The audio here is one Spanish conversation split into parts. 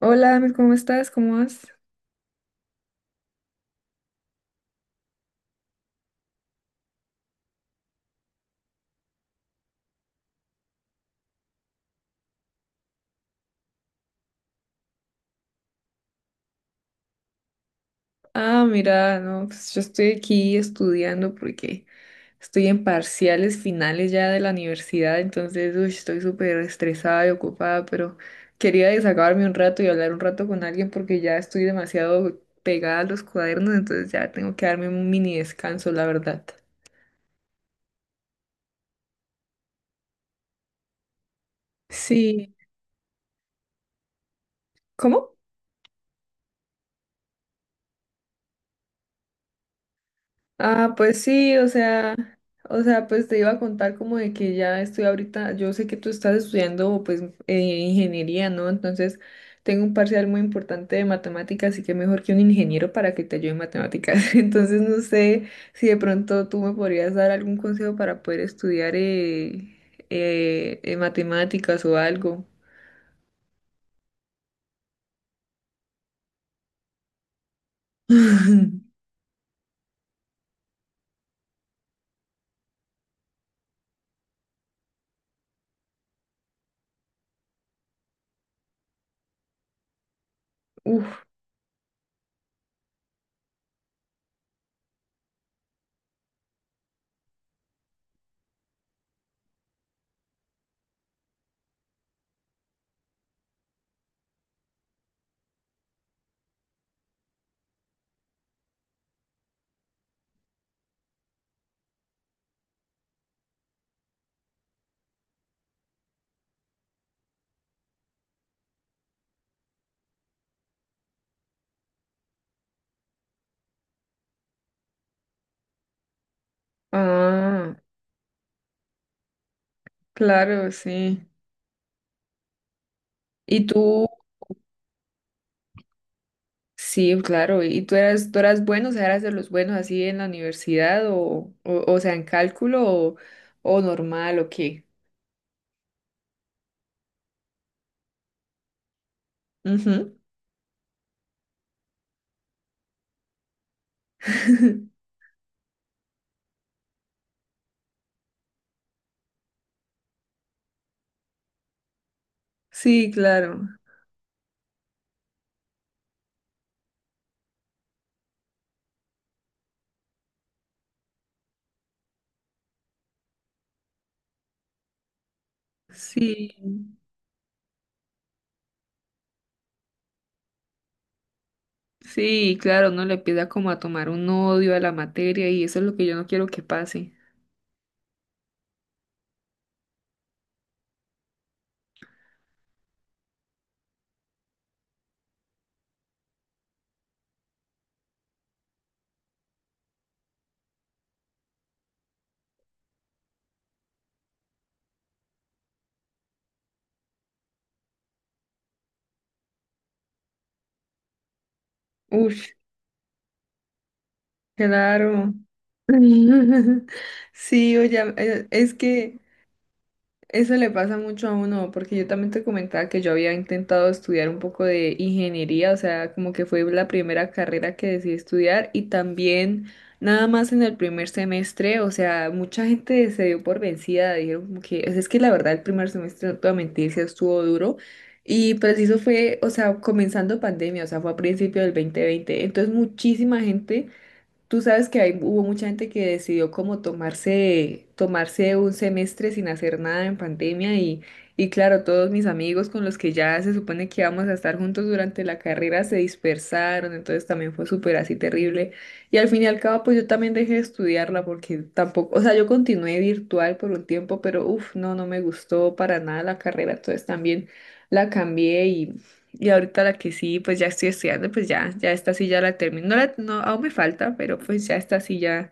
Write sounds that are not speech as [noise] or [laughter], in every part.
Hola, Amit, ¿cómo estás? ¿Cómo vas? Ah, mira, no, pues yo estoy aquí estudiando porque estoy en parciales finales ya de la universidad, entonces uy, estoy súper estresada y ocupada, pero quería desahogarme un rato y hablar un rato con alguien porque ya estoy demasiado pegada a los cuadernos, entonces ya tengo que darme un mini descanso, la verdad. Sí, ¿cómo? Ah, pues sí, o sea, pues te iba a contar como de que ya estoy ahorita, yo sé que tú estás estudiando pues ingeniería, ¿no? Entonces tengo un parcial muy importante de matemáticas, así que mejor que un ingeniero para que te ayude en matemáticas. [laughs] Entonces no sé si de pronto tú me podrías dar algún consejo para poder estudiar matemáticas o algo. [laughs] Uf, ah, claro, sí. ¿Y tú? Sí, claro. ¿Y tú eras bueno, o sea, eras de los buenos así en la universidad o sea, en cálculo o normal o qué? Ujú. [laughs] Sí, claro. Sí, sí, claro, uno le empieza como a tomar un odio a la materia y eso es lo que yo no quiero que pase. Uy, claro. [laughs] Sí, oye, es que... Eso le pasa mucho a uno, porque yo también te comentaba que yo había intentado estudiar un poco de ingeniería, o sea, como que fue la primera carrera que decidí estudiar y también nada más en el primer semestre, o sea, mucha gente se dio por vencida, dijeron como que, es que la verdad el primer semestre, no te voy a mentir, sí estuvo duro y preciso fue, o sea, comenzando pandemia, o sea, fue a principio del 2020, entonces muchísima gente. Tú sabes que hubo mucha gente que decidió como tomarse, tomarse un semestre sin hacer nada en pandemia y claro, todos mis amigos con los que ya se supone que íbamos a estar juntos durante la carrera se dispersaron, entonces también fue súper así terrible. Y al fin y al cabo, pues yo también dejé de estudiarla porque tampoco, o sea, yo continué virtual por un tiempo, pero uff, no, no me gustó para nada la carrera, entonces también la cambié y ahorita la que sí, pues ya estoy estudiando, pues ya, ya esta sí ya la termino. No, aún me falta, pero pues ya esta sí ya,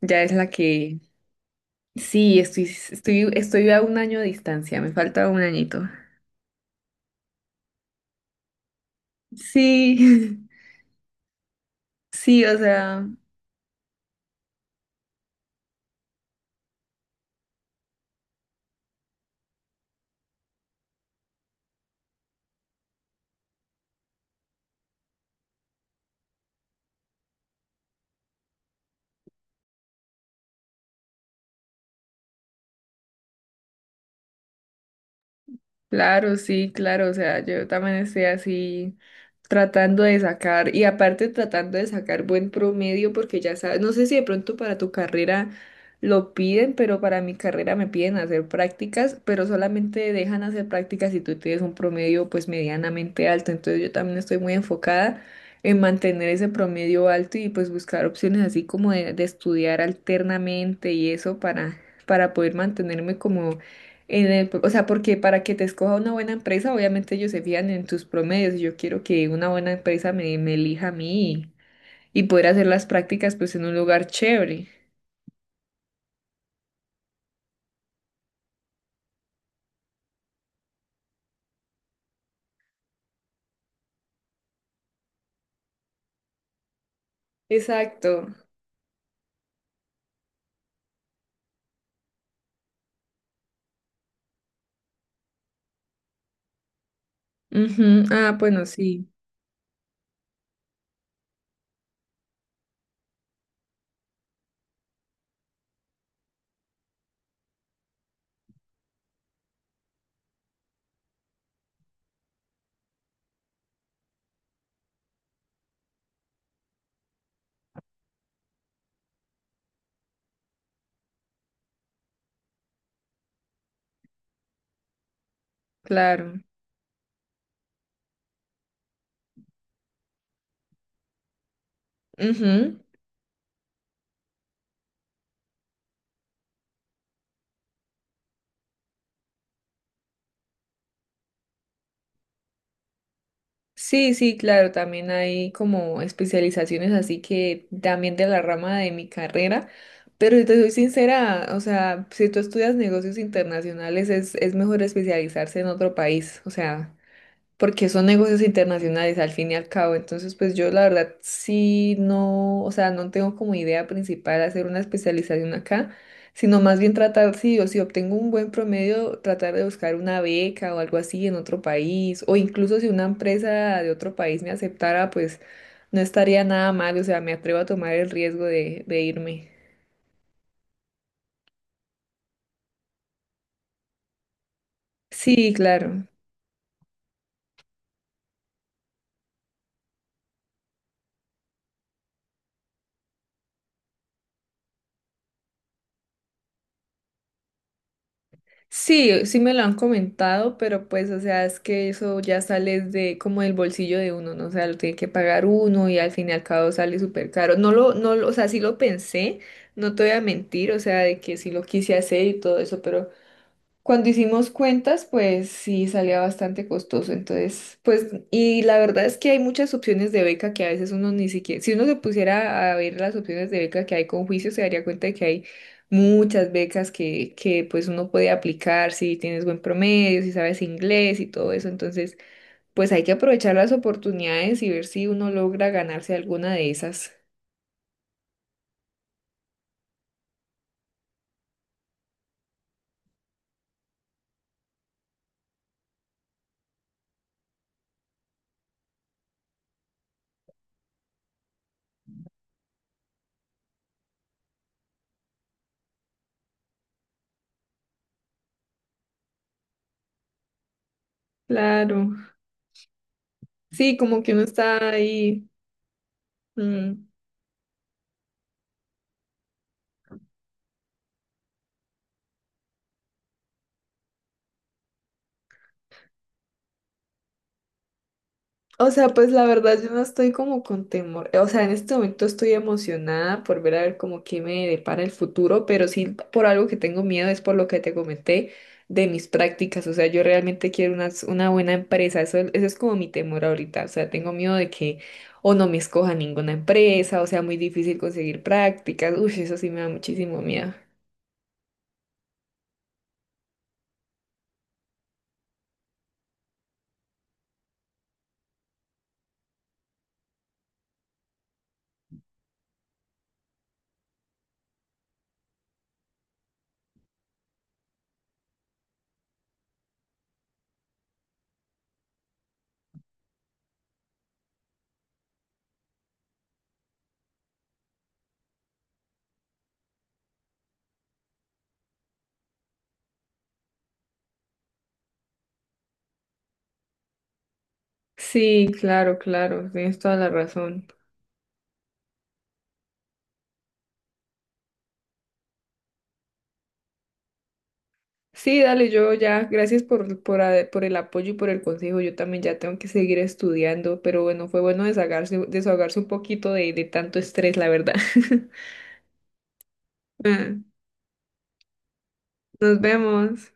ya es la que sí, estoy a un año de distancia, me falta un añito. Sí, [laughs] sí, o sea, claro, sí, claro, o sea, yo también estoy así tratando de sacar y aparte tratando de sacar buen promedio porque ya sabes, no sé si de pronto para tu carrera lo piden, pero para mi carrera me piden hacer prácticas, pero solamente dejan hacer prácticas si tú tienes un promedio pues medianamente alto, entonces yo también estoy muy enfocada en mantener ese promedio alto y pues buscar opciones así como de estudiar alternamente y eso para poder mantenerme como en el- o sea, porque para que te escoja una buena empresa, obviamente ellos se fijan en tus promedios. Yo quiero que una buena empresa me elija a mí y poder hacer las prácticas pues en un lugar chévere. Exacto. Ujú. Ah, bueno, sí, claro. Ujú. Sí, sí, claro, también hay como especializaciones así que también de la rama de mi carrera, pero si te soy sincera, o sea, si tú estudias negocios internacionales es mejor especializarse en otro país, o sea, porque son negocios internacionales al fin y al cabo. Entonces, pues yo la verdad sí no, o sea, no tengo como idea principal hacer una especialización acá, sino más bien tratar, sí, o si obtengo un buen promedio, tratar de buscar una beca o algo así en otro país, o incluso si una empresa de otro país me aceptara, pues no estaría nada mal, o sea, me atrevo a tomar el riesgo de irme. Sí, claro. Sí, sí me lo han comentado, pero pues, o sea, es que eso ya sale de como del bolsillo de uno, ¿no? O sea, lo tiene que pagar uno y al fin y al cabo sale súper caro. No, o sea, sí lo pensé, no te voy a mentir, o sea, de que sí lo quise hacer y todo eso, pero cuando hicimos cuentas, pues sí salía bastante costoso. Entonces, pues, y la verdad es que hay muchas opciones de beca que a veces uno ni siquiera, si uno se pusiera a ver las opciones de beca que hay con juicio, se daría cuenta de que hay muchas becas que pues uno puede aplicar si tienes buen promedio, si sabes inglés y todo eso. Entonces, pues hay que aprovechar las oportunidades y ver si uno logra ganarse alguna de esas. Claro. Sí, como que uno está ahí. Mm. O sea, pues la verdad yo no estoy como con temor. O sea, en este momento estoy emocionada por ver a ver como qué me depara el futuro, pero sí por algo que tengo miedo es por lo que te comenté de mis prácticas. O sea, yo realmente quiero una buena empresa. Eso es como mi temor ahorita. O sea, tengo miedo de que o no me escoja ninguna empresa, o sea, muy difícil conseguir prácticas. Uy, eso sí me da muchísimo miedo. Sí, claro, claro, tienes toda la razón. Sí, dale, yo ya, gracias por el apoyo y por el consejo. Yo también ya tengo que seguir estudiando, pero bueno, fue bueno desahogarse, desahogarse un poquito de tanto estrés, la verdad. [laughs] Ah, nos vemos.